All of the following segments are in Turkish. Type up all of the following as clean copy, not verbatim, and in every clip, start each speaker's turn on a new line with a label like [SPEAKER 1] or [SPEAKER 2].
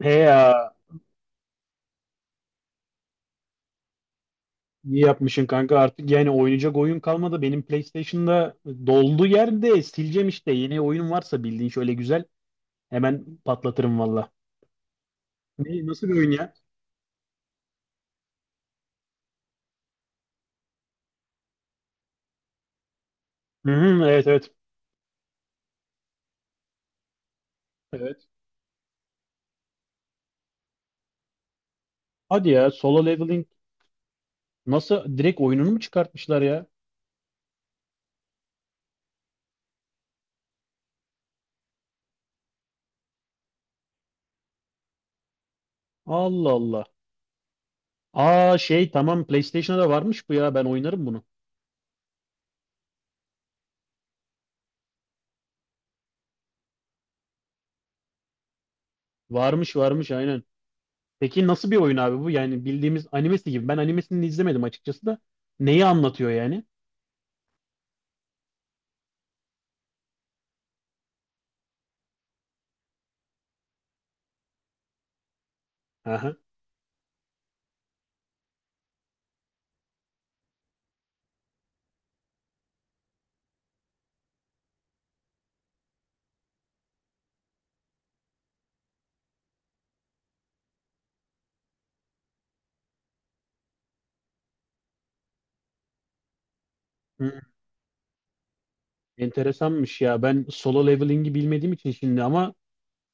[SPEAKER 1] He ya, iyi yapmışsın kanka, artık yani oynayacak oyun kalmadı. Benim PlayStation'da doldu, yerde sileceğim işte. Yeni oyun varsa bildiğin şöyle güzel hemen patlatırım valla. Ne, nasıl bir oyun ya? Hı hı, evet evet. Evet. Hadi ya, solo leveling, nasıl direkt oyununu mu çıkartmışlar ya? Allah Allah. Aa şey, tamam PlayStation'da da varmış bu ya, ben oynarım bunu. Varmış varmış, aynen. Peki nasıl bir oyun abi bu? Yani bildiğimiz animesi gibi. Ben animesini izlemedim açıkçası da. Neyi anlatıyor yani? Aha. Enteresanmış ya. Ben solo leveling'i bilmediğim için şimdi, ama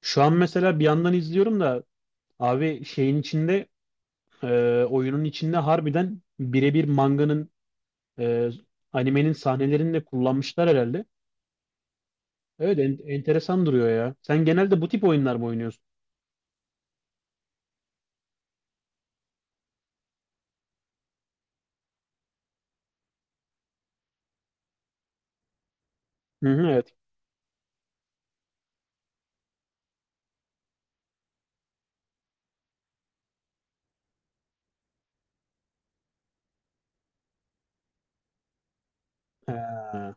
[SPEAKER 1] şu an mesela bir yandan izliyorum da abi şeyin içinde, oyunun içinde harbiden birebir manganın, e, animenin sahnelerini de kullanmışlar herhalde. Evet, enteresan duruyor ya. Sen genelde bu tip oyunlar mı oynuyorsun? Hı hı, evet. Ha.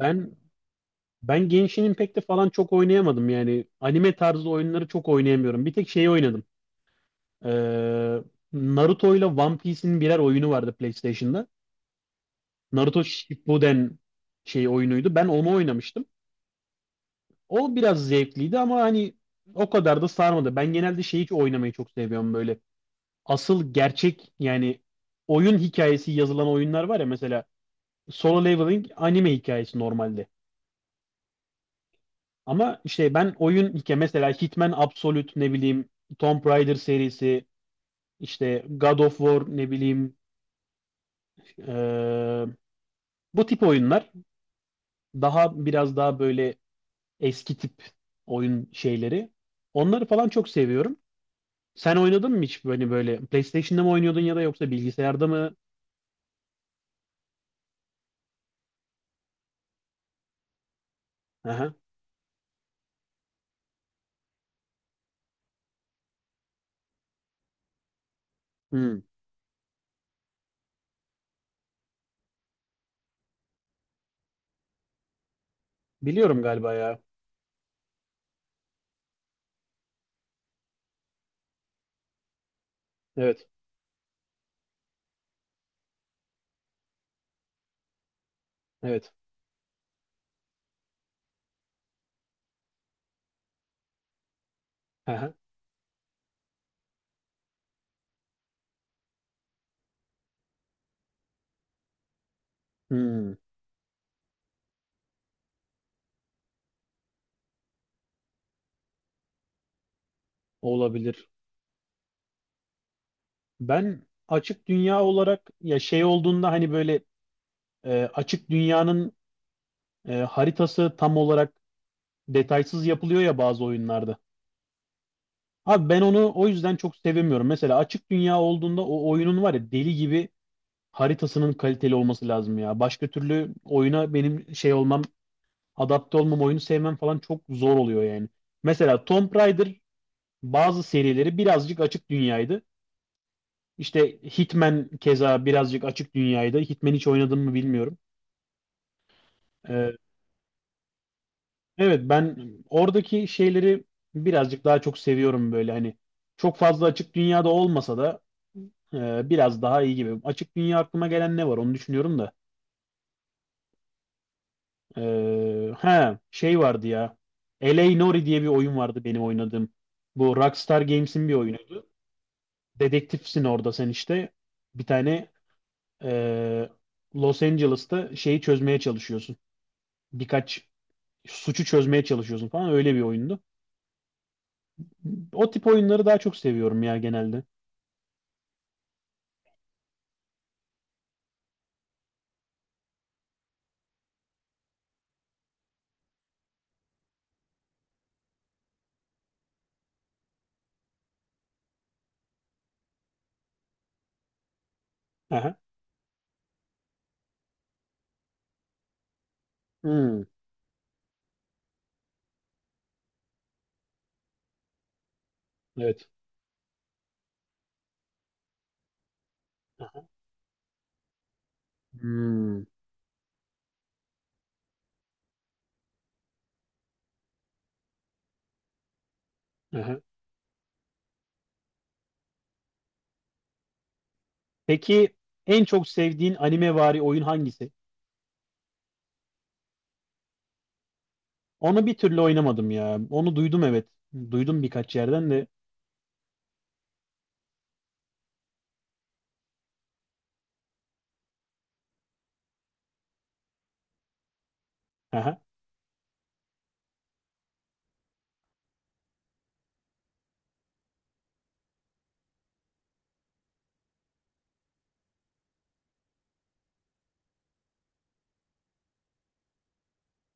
[SPEAKER 1] Ben ben Genshin Impact'te falan çok oynayamadım yani. Anime tarzı oyunları çok oynayamıyorum. Bir tek şeyi oynadım. Ee, Naruto ile One Piece'in birer oyunu vardı PlayStation'da. Naruto Shippuden şey oyunuydu. Ben onu oynamıştım. O biraz zevkliydi ama hani o kadar da sarmadı. Ben genelde şeyi hiç oynamayı çok seviyorum böyle. Asıl gerçek yani oyun hikayesi yazılan oyunlar var ya, mesela Solo Leveling anime hikayesi normalde. Ama işte ben oyun hikaye mesela Hitman Absolute, ne bileyim Tomb Raider serisi, işte God of War, ne bileyim, eee, bu tip oyunlar daha biraz daha böyle eski tip oyun şeyleri. Onları falan çok seviyorum. Sen oynadın mı hiç böyle böyle PlayStation'da mı oynuyordun ya da yoksa bilgisayarda mı? Aha. Hmm. Biliyorum galiba ya. Evet. Evet. Aha. Hmm. Olabilir. Ben açık dünya olarak ya şey olduğunda hani böyle, açık dünyanın, haritası tam olarak detaysız yapılıyor ya bazı oyunlarda. Abi ben onu o yüzden çok sevemiyorum. Mesela açık dünya olduğunda o oyunun var ya, deli gibi haritasının kaliteli olması lazım ya. Başka türlü oyuna benim şey olmam, adapte olmam, oyunu sevmem falan çok zor oluyor yani. Mesela Tomb Raider bazı serileri birazcık açık dünyaydı. İşte Hitman keza birazcık açık dünyaydı. Hitman hiç oynadım mı bilmiyorum. Ee, evet ben oradaki şeyleri birazcık daha çok seviyorum böyle hani. Çok fazla açık dünyada olmasa da biraz daha iyi gibi. Açık dünya aklıma gelen ne var onu düşünüyorum da. He, şey vardı ya. LA Noire diye bir oyun vardı benim oynadığım. Bu Rockstar Games'in bir oyunuydu. Dedektifsin orada sen işte. Bir tane, ee, Los Angeles'ta şeyi çözmeye çalışıyorsun. Birkaç suçu çözmeye çalışıyorsun falan, öyle bir oyundu. O tip oyunları daha çok seviyorum ya genelde. Aha. Hmm, evet. Aha. Hmm, aha. Peki en çok sevdiğin animevari oyun hangisi? Onu bir türlü oynamadım ya. Onu duydum, evet. Duydum birkaç yerden de. Aha.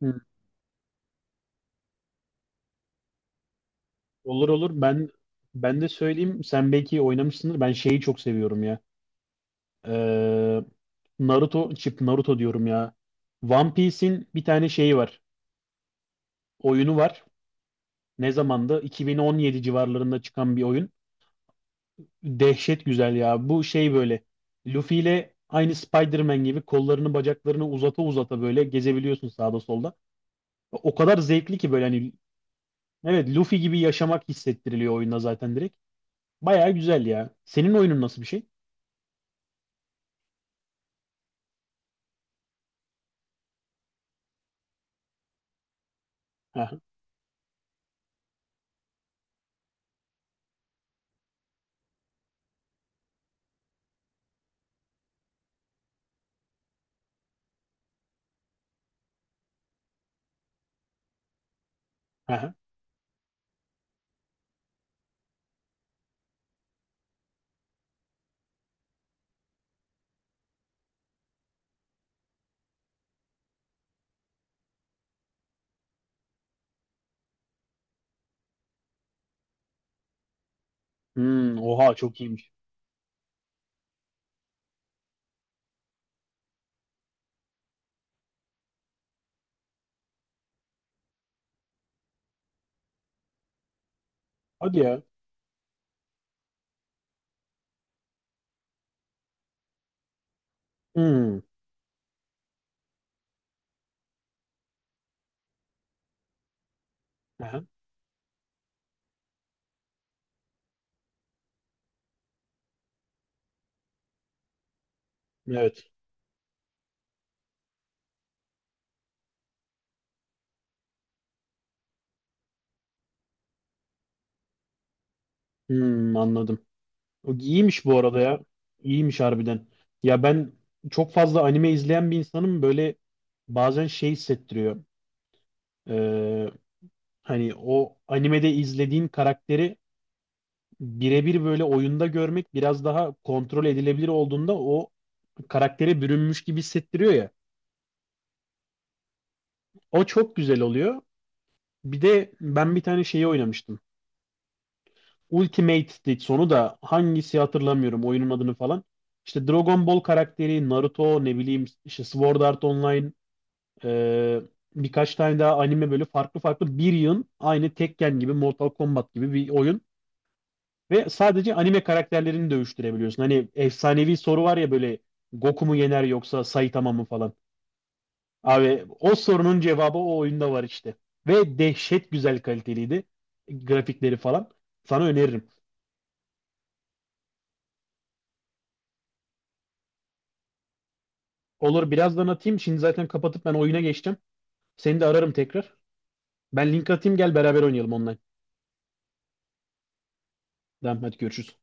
[SPEAKER 1] Hı. Olur olur. Ben de söyleyeyim. Sen belki oynamışsındır. Ben şeyi çok seviyorum ya. Ee, Naruto, Chip Naruto diyorum ya. One Piece'in bir tane şeyi var. Oyunu var. Ne zamandı? 2017 civarlarında çıkan bir oyun. Dehşet güzel ya. Bu şey böyle. Luffy ile aynı Spider-Man gibi kollarını bacaklarını uzata uzata böyle gezebiliyorsun sağda solda. O kadar zevkli ki, böyle hani evet Luffy gibi yaşamak hissettiriliyor oyunda zaten direkt. Baya güzel ya. Senin oyunun nasıl bir şey? Aha, aha. Hmm, oha çok iyiymiş. Hadi ya. Hmm, aha, evet. Hmm, anladım. O iyiymiş bu arada ya. İyiymiş harbiden. Ya ben çok fazla anime izleyen bir insanım böyle, bazen şey hissettiriyor. Ee, hani o animede izlediğin karakteri birebir böyle oyunda görmek biraz daha kontrol edilebilir olduğunda o karaktere bürünmüş gibi hissettiriyor ya. O çok güzel oluyor. Bir de ben bir tane şeyi oynamıştım. Ultimate Stitch sonu da hangisi hatırlamıyorum oyunun adını falan. İşte Dragon Ball karakteri, Naruto, ne bileyim işte Sword Art Online, e, birkaç tane daha anime böyle farklı farklı bir yığın, aynı Tekken gibi, Mortal Kombat gibi bir oyun. Ve sadece anime karakterlerini dövüştürebiliyorsun. Hani efsanevi soru var ya böyle, Goku mu yener yoksa Saitama mı falan. Abi o sorunun cevabı o oyunda var işte. Ve dehşet güzel kaliteliydi grafikleri falan. Sana öneririm. Olur, birazdan atayım. Şimdi zaten kapatıp ben oyuna geçtim. Seni de ararım tekrar. Ben link atayım, gel beraber oynayalım online. Tamam hadi görüşürüz.